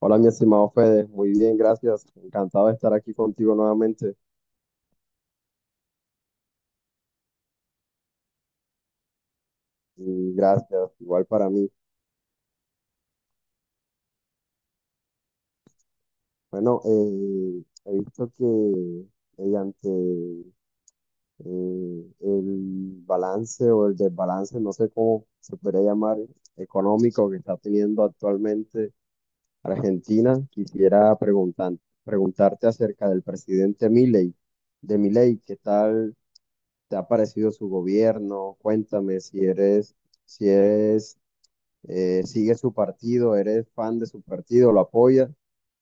Hola, mi estimado Fede. Muy bien, gracias. Encantado de estar aquí contigo nuevamente. Y gracias, igual para mí. Bueno, he visto que mediante el balance o el desbalance, no sé cómo se podría llamar, económico que está teniendo actualmente Argentina, preguntarte acerca del presidente Milei. De Milei, ¿qué tal te ha parecido su gobierno? Cuéntame si eres si eres ¿sigues su partido? ¿Eres fan de su partido? ¿Lo apoyas?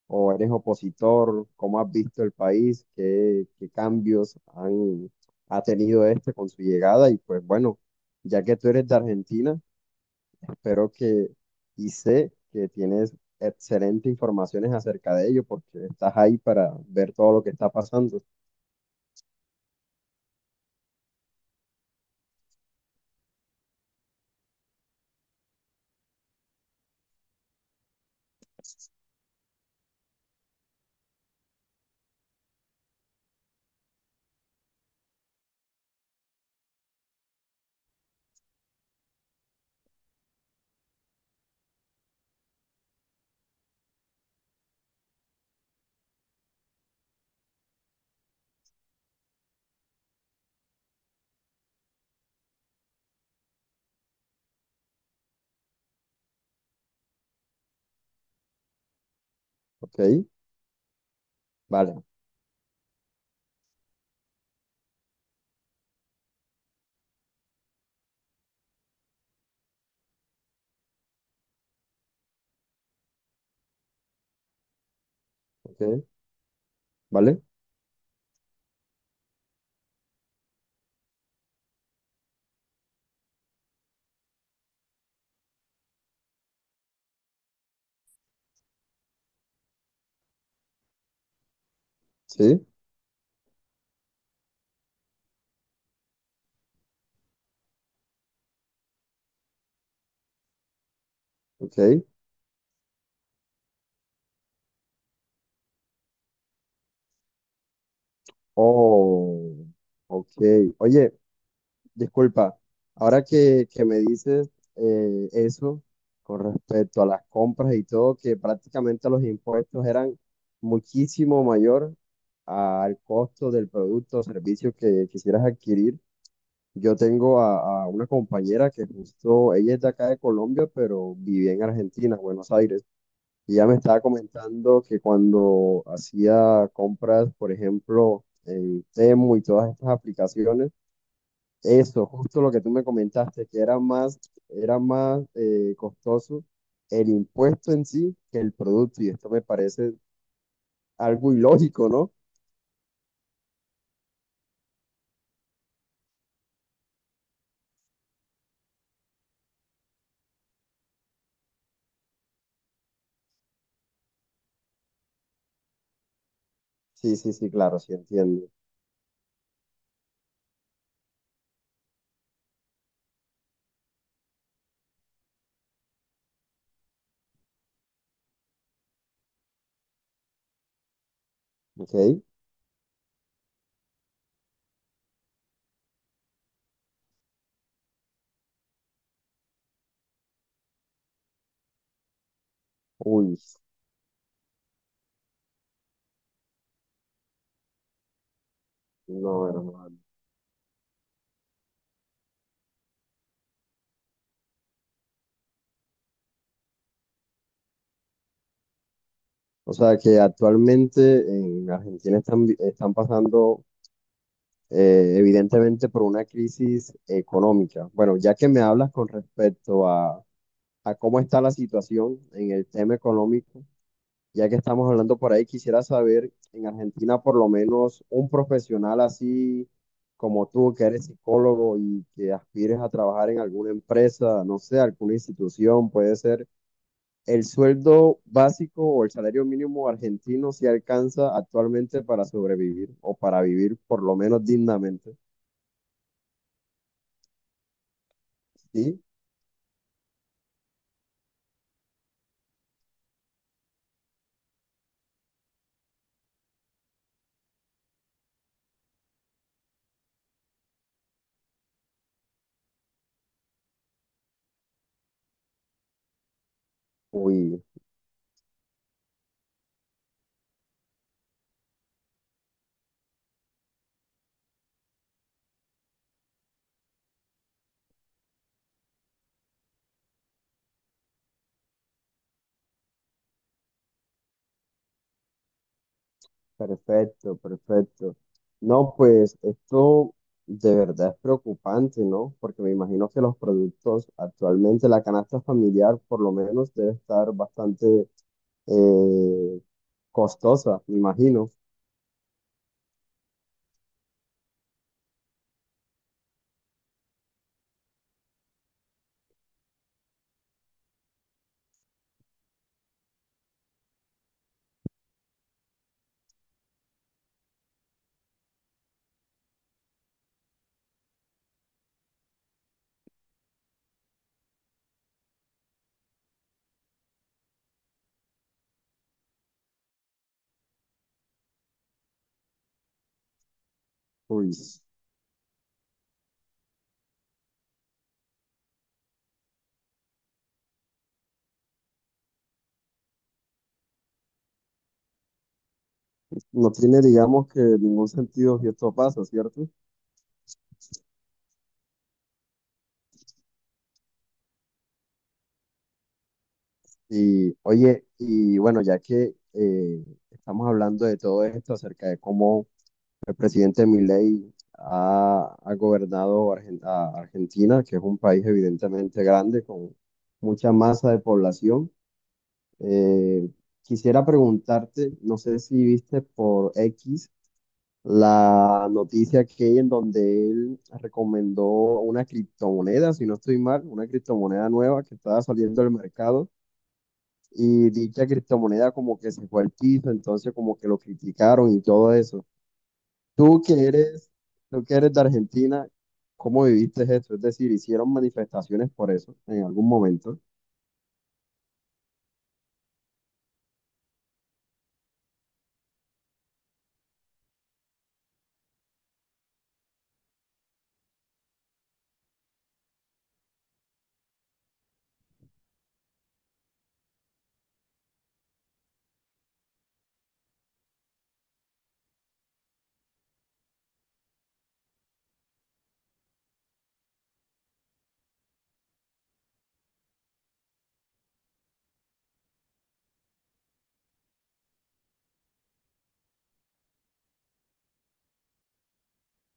¿O eres opositor? ¿Cómo has visto el país? ¿Qué ha tenido este con su llegada? Y pues bueno, ya que tú eres de Argentina, espero que y sé que tienes excelentes informaciones acerca de ello porque estás ahí para ver todo lo que está pasando. ¿Ok? Vale, ok, vale, sí, ok. Oh, ok. Oye, disculpa, ahora que me dices eso con respecto a las compras y todo, que prácticamente los impuestos eran muchísimo mayor al costo del producto o servicio que quisieras adquirir. Yo tengo a una compañera que justo, ella es de acá de Colombia, pero vivía en Argentina, Buenos Aires, y ella me estaba comentando que cuando hacía compras, por ejemplo, en Temu y todas estas aplicaciones, eso, justo lo que tú me comentaste, era más costoso el impuesto en sí que el producto, y esto me parece algo ilógico, ¿no? Sí, sí, sí, claro, sí entiendo. Ok. Uy, no, hermano. O sea que actualmente en Argentina están pasando evidentemente por una crisis económica. Bueno, ya que me hablas con respecto a cómo está la situación en el tema económico, ya que estamos hablando por ahí, quisiera saber, en Argentina por lo menos un profesional así como tú, que eres psicólogo y que aspires a trabajar en alguna empresa, no sé, alguna institución, puede ser, ¿el sueldo básico o el salario mínimo argentino si alcanza actualmente para sobrevivir o para vivir por lo menos dignamente? Sí. Uy, perfecto, perfecto. No, pues esto de verdad es preocupante, ¿no? Porque me imagino que los productos actualmente, la canasta familiar por lo menos debe estar bastante eh, costosa, me imagino. Pues no tiene, digamos que ningún sentido si esto pasa, ¿cierto? Y oye, y bueno, ya que estamos hablando de todo esto acerca de cómo el presidente Milei ha gobernado a Argentina, que es un país evidentemente grande con mucha masa de población. Eh, quisiera preguntarte, no sé si viste por X la noticia que en donde él recomendó una criptomoneda, si no estoy mal, una criptomoneda nueva que estaba saliendo del mercado. Y dicha criptomoneda como que se fue al piso, entonces como que lo criticaron y todo eso. Tú que eres, tú que eres de Argentina, ¿cómo viviste eso? Es decir, ¿hicieron manifestaciones por eso en algún momento?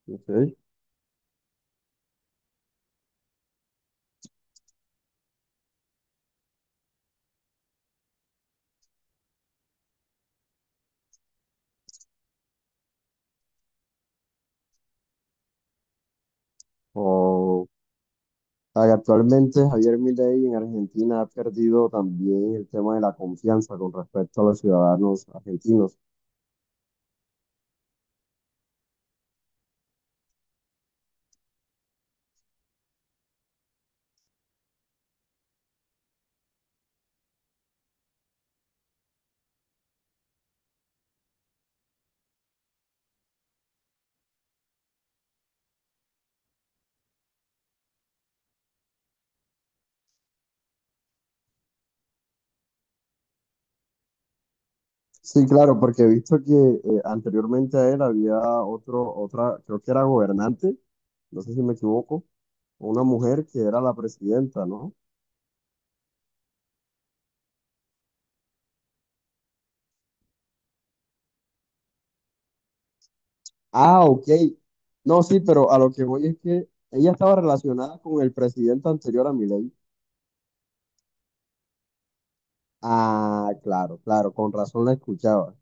Ok. O o sea, actualmente Javier Milei en Argentina ha perdido también el tema de la confianza con respecto a los ciudadanos argentinos. Sí, claro, porque he visto que anteriormente a él había otra, creo que era gobernante, no sé si me equivoco, una mujer que era la presidenta, ¿no? Ah, ok. No, sí, pero a lo que voy es que ella estaba relacionada con el presidente anterior a Milei. Ah, claro, claro, con razón la escuchaba.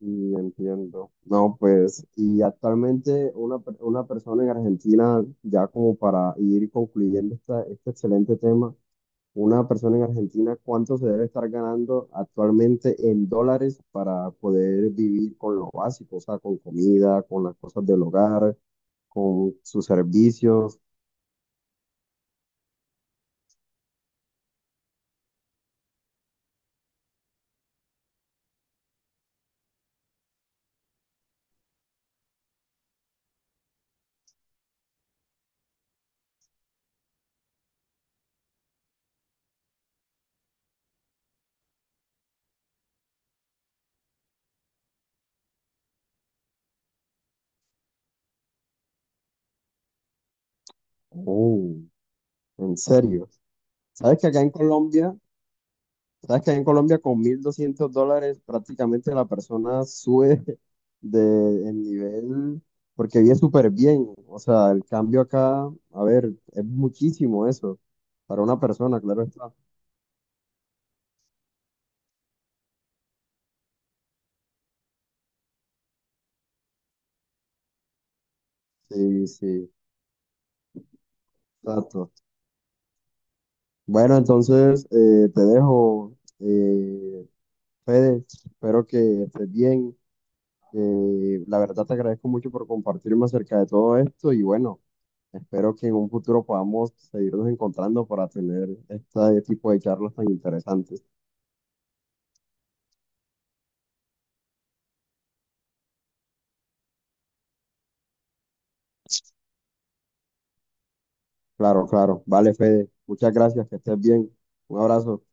Y entiendo. No, pues, y actualmente una persona en Argentina, ya como para ir concluyendo este excelente tema, una persona en Argentina, ¿cuánto se debe estar ganando actualmente en dólares para poder vivir con lo básico? O sea, con comida, con las cosas del hogar, con sus servicios. Oh, en serio. ¿Sabes que acá en Colombia, sabes que acá en Colombia con $1,200 prácticamente la persona sube de en nivel porque vive súper bien? O sea, el cambio acá, a ver, es muchísimo eso para una persona, claro está. Sí, sí, exacto. Bueno, entonces te dejo, eh, Fede, espero que estés bien. La verdad te agradezco mucho por compartirme acerca de todo esto y bueno. Espero que en un futuro podamos seguirnos encontrando para tener este tipo de charlas tan interesantes. Claro, claro. Vale, Fede. Muchas gracias. Que estés bien. Un abrazo.